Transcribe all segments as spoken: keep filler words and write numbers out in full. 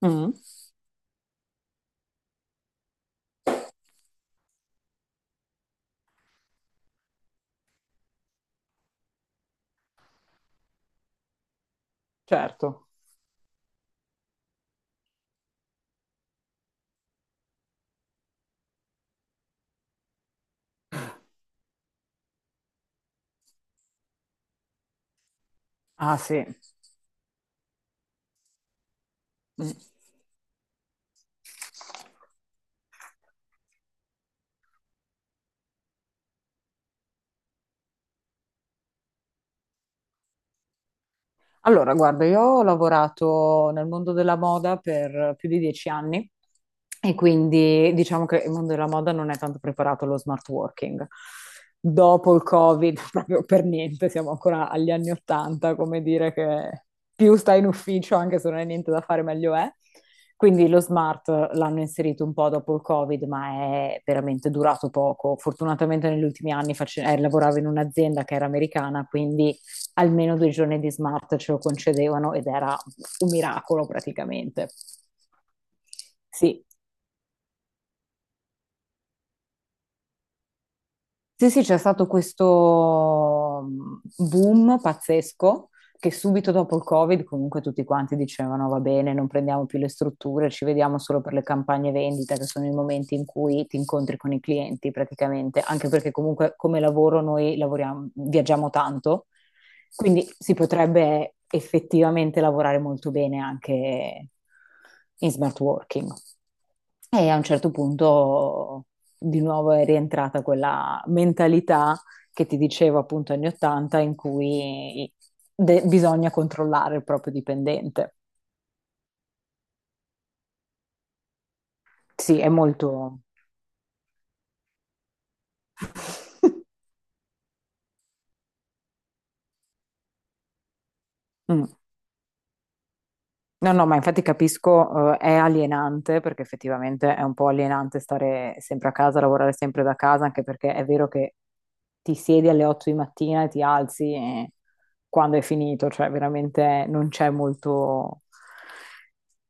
Mh. Certo. Ah sì. Mh. Allora guarda, io ho lavorato nel mondo della moda per più di dieci anni. E quindi diciamo che il mondo della moda non è tanto preparato allo smart working. Dopo il Covid, proprio per niente, siamo ancora agli anni Ottanta, come dire che più stai in ufficio, anche se non hai niente da fare, meglio è. Quindi lo smart l'hanno inserito un po' dopo il Covid, ma è veramente durato poco. Fortunatamente negli ultimi anni face- eh, lavoravo in un'azienda che era americana, quindi almeno due giorni di smart ce lo concedevano ed era un miracolo praticamente. Sì. Sì, sì, c'è stato questo mhmm, boom pazzesco che subito dopo il Covid comunque tutti quanti dicevano va bene, non prendiamo più le strutture, ci vediamo solo per le campagne vendita, che sono i momenti in cui ti incontri con i clienti praticamente, anche perché comunque come lavoro noi lavoriamo, viaggiamo tanto, quindi si potrebbe effettivamente lavorare molto bene anche in smart working. E a un certo punto di nuovo è rientrata quella mentalità che ti dicevo appunto anni ottanta in cui de- bisogna controllare il proprio dipendente. Sì, è molto... Mm. No, no, ma infatti capisco, eh, è alienante perché effettivamente è un po' alienante stare sempre a casa, lavorare sempre da casa, anche perché è vero che ti siedi alle otto di mattina e ti alzi e quando è finito, cioè veramente non c'è molto,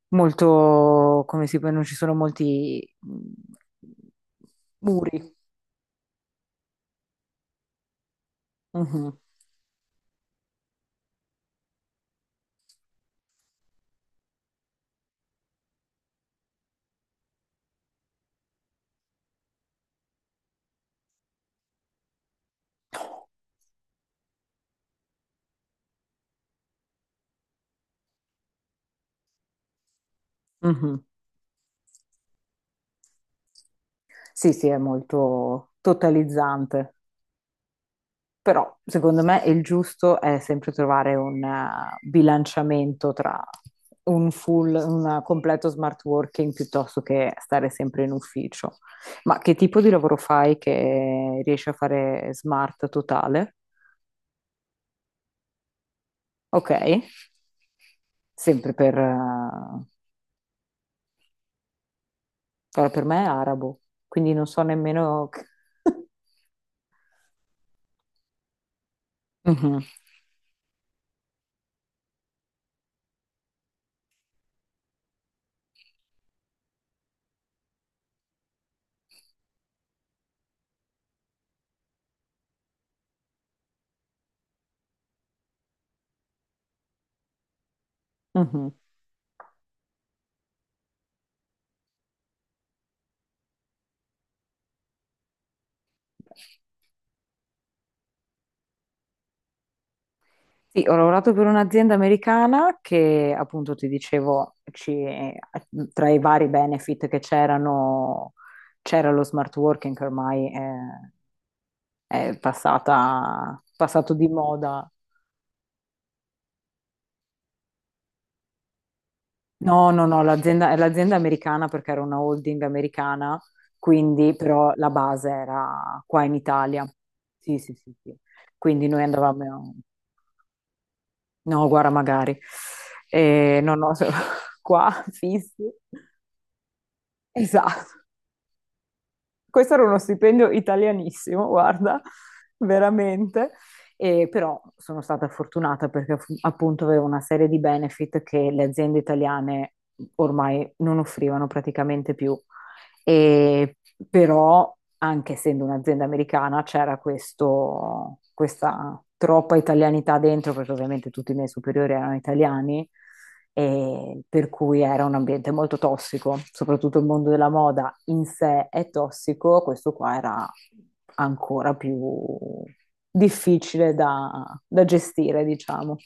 molto, come si può, non ci sono molti mh, muri. Mhm, mhm. Sì, sì, è molto totalizzante, però secondo me il giusto è sempre trovare un eh, bilanciamento tra un full, un completo smart working piuttosto che stare sempre in ufficio. Ma che tipo di lavoro fai che riesci a fare smart totale? Ok, sempre per, eh, però per me è arabo, quindi non so nemmeno... Mhm, mhm. Sì, ho lavorato per un'azienda americana che appunto ti dicevo, ci- tra i vari benefit che c'erano, c'era lo smart working che ormai è, è passata, passato di moda. No, no, no, l'azienda è l'azienda americana perché era una holding americana, quindi però la base era qua in Italia. Sì, sì, sì, sì. Quindi noi andavamo, no, guarda, magari. Eh, no, no, qua fissi. Esatto. Questo era uno stipendio italianissimo, guarda, veramente. E però sono stata fortunata perché fu- appunto avevo una serie di benefit che le aziende italiane ormai non offrivano praticamente più. E, però, anche essendo un'azienda americana, c'era questo, questa troppa italianità dentro, perché ovviamente tutti i miei superiori erano italiani, e per cui era un ambiente molto tossico, soprattutto il mondo della moda in sé è tossico, questo qua era ancora più difficile da, da gestire, diciamo.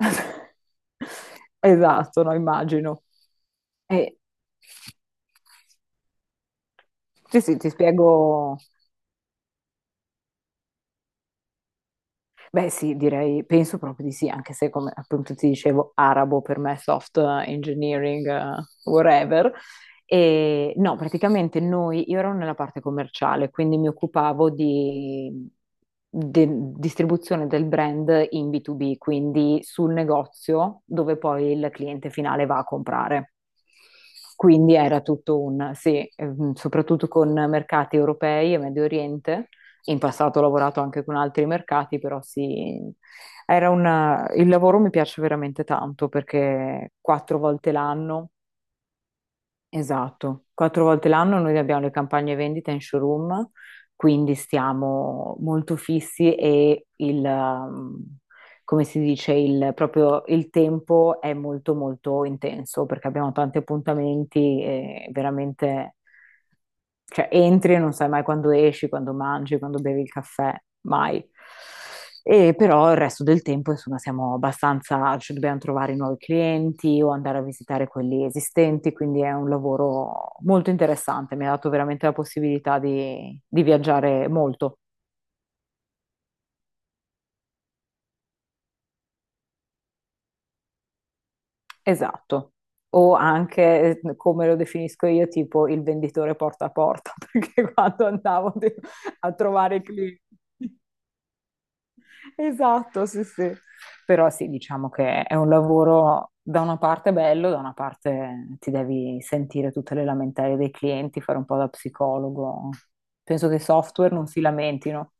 Esatto, no, immagino. E, Sì, sì, ti spiego. Beh, sì, direi, penso proprio di sì, anche se come appunto ti dicevo, arabo per me, soft engineering, eh, whatever. E no, praticamente noi, io ero nella parte commerciale, quindi mi occupavo di, de- distribuzione del brand in B due B, quindi sul negozio dove poi il cliente finale va a comprare. Quindi era tutto un, sì, ehm, soprattutto con mercati europei e Medio Oriente. In passato ho lavorato anche con altri mercati, però sì, era una- il lavoro mi piace veramente tanto perché quattro volte l'anno, esatto, quattro volte l'anno noi abbiamo le campagne vendita in showroom, quindi stiamo molto fissi e il, um, come si dice, il, proprio il tempo è molto molto intenso perché abbiamo tanti appuntamenti e veramente... Cioè, entri e non sai mai quando esci, quando mangi, quando bevi il caffè, mai. E però il resto del tempo, insomma, siamo abbastanza, ci dobbiamo trovare nuovi clienti o andare a visitare quelli esistenti, quindi è un lavoro molto interessante, mi ha dato veramente la possibilità di, di viaggiare molto. Esatto. O anche, eh, come lo definisco io, tipo il venditore porta a porta, perché quando andavo de- a trovare i clienti. Esatto, sì, sì. Però sì, diciamo che è un lavoro da una parte bello, da una parte ti devi sentire tutte le lamentele dei clienti, fare un po' da psicologo. Penso che i software non si lamentino.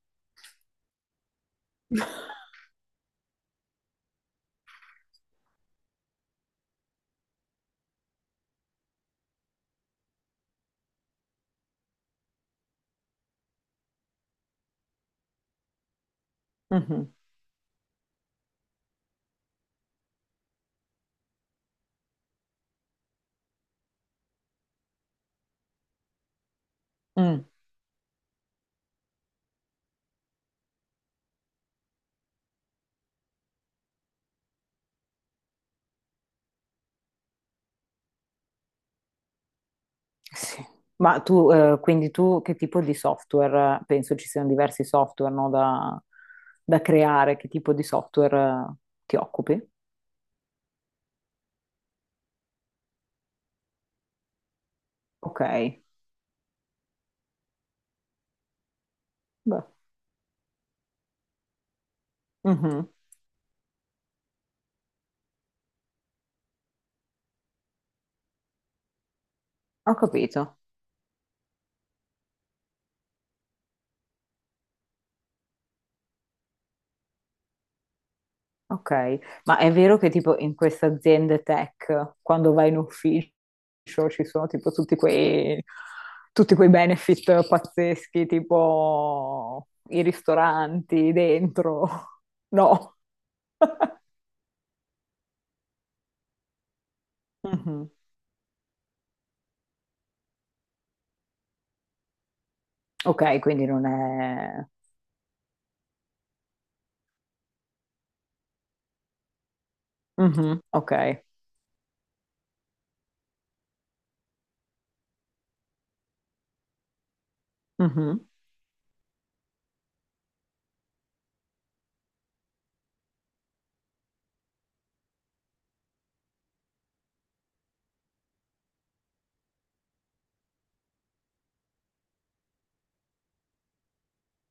Mhm. Mm. Sì. Ma tu, eh, quindi tu che tipo di software? Penso ci siano diversi software, no, da, da creare. Che tipo di software, eh, ti occupi? Ok, beh, mhm, ho capito. Ok, ma è vero che tipo in queste aziende tech, quando vai in ufficio, ci sono tipo tutti quei, tutti quei benefit pazzeschi, tipo i ristoranti dentro. No. Mhm. Ok, quindi non è... Mhm, Ok. Mhm.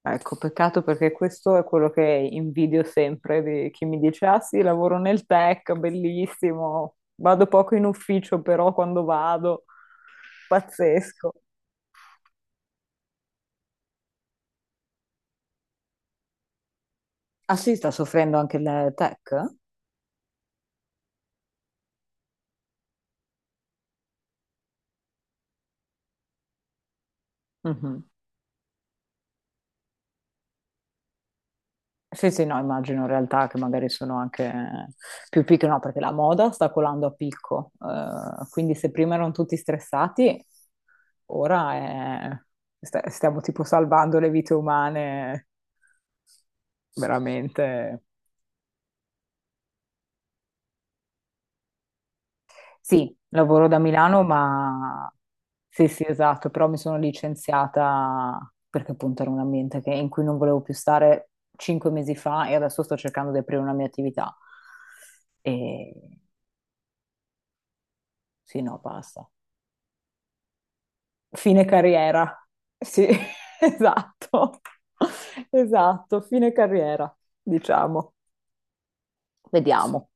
Ecco, peccato perché questo è quello che invidio sempre di chi mi dice: Ah sì, lavoro nel tech, bellissimo, vado poco in ufficio, però quando vado, pazzesco. Ah sì, sta soffrendo anche il tech? Mhm. Sì, sì, no, immagino in realtà che magari sono anche più piccole, no, perché la moda sta colando a picco, eh, quindi se prima erano tutti stressati. Ora è- sta- stiamo tipo salvando le vite umane, veramente. Sì, lavoro da Milano, ma sì, sì, esatto, però mi sono licenziata perché appunto era un ambiente che- in cui non volevo più stare cinque mesi fa e adesso sto cercando di aprire una mia attività. E sì, no, basta. Fine carriera. Sì, esatto. Esatto, fine carriera, diciamo. Vediamo.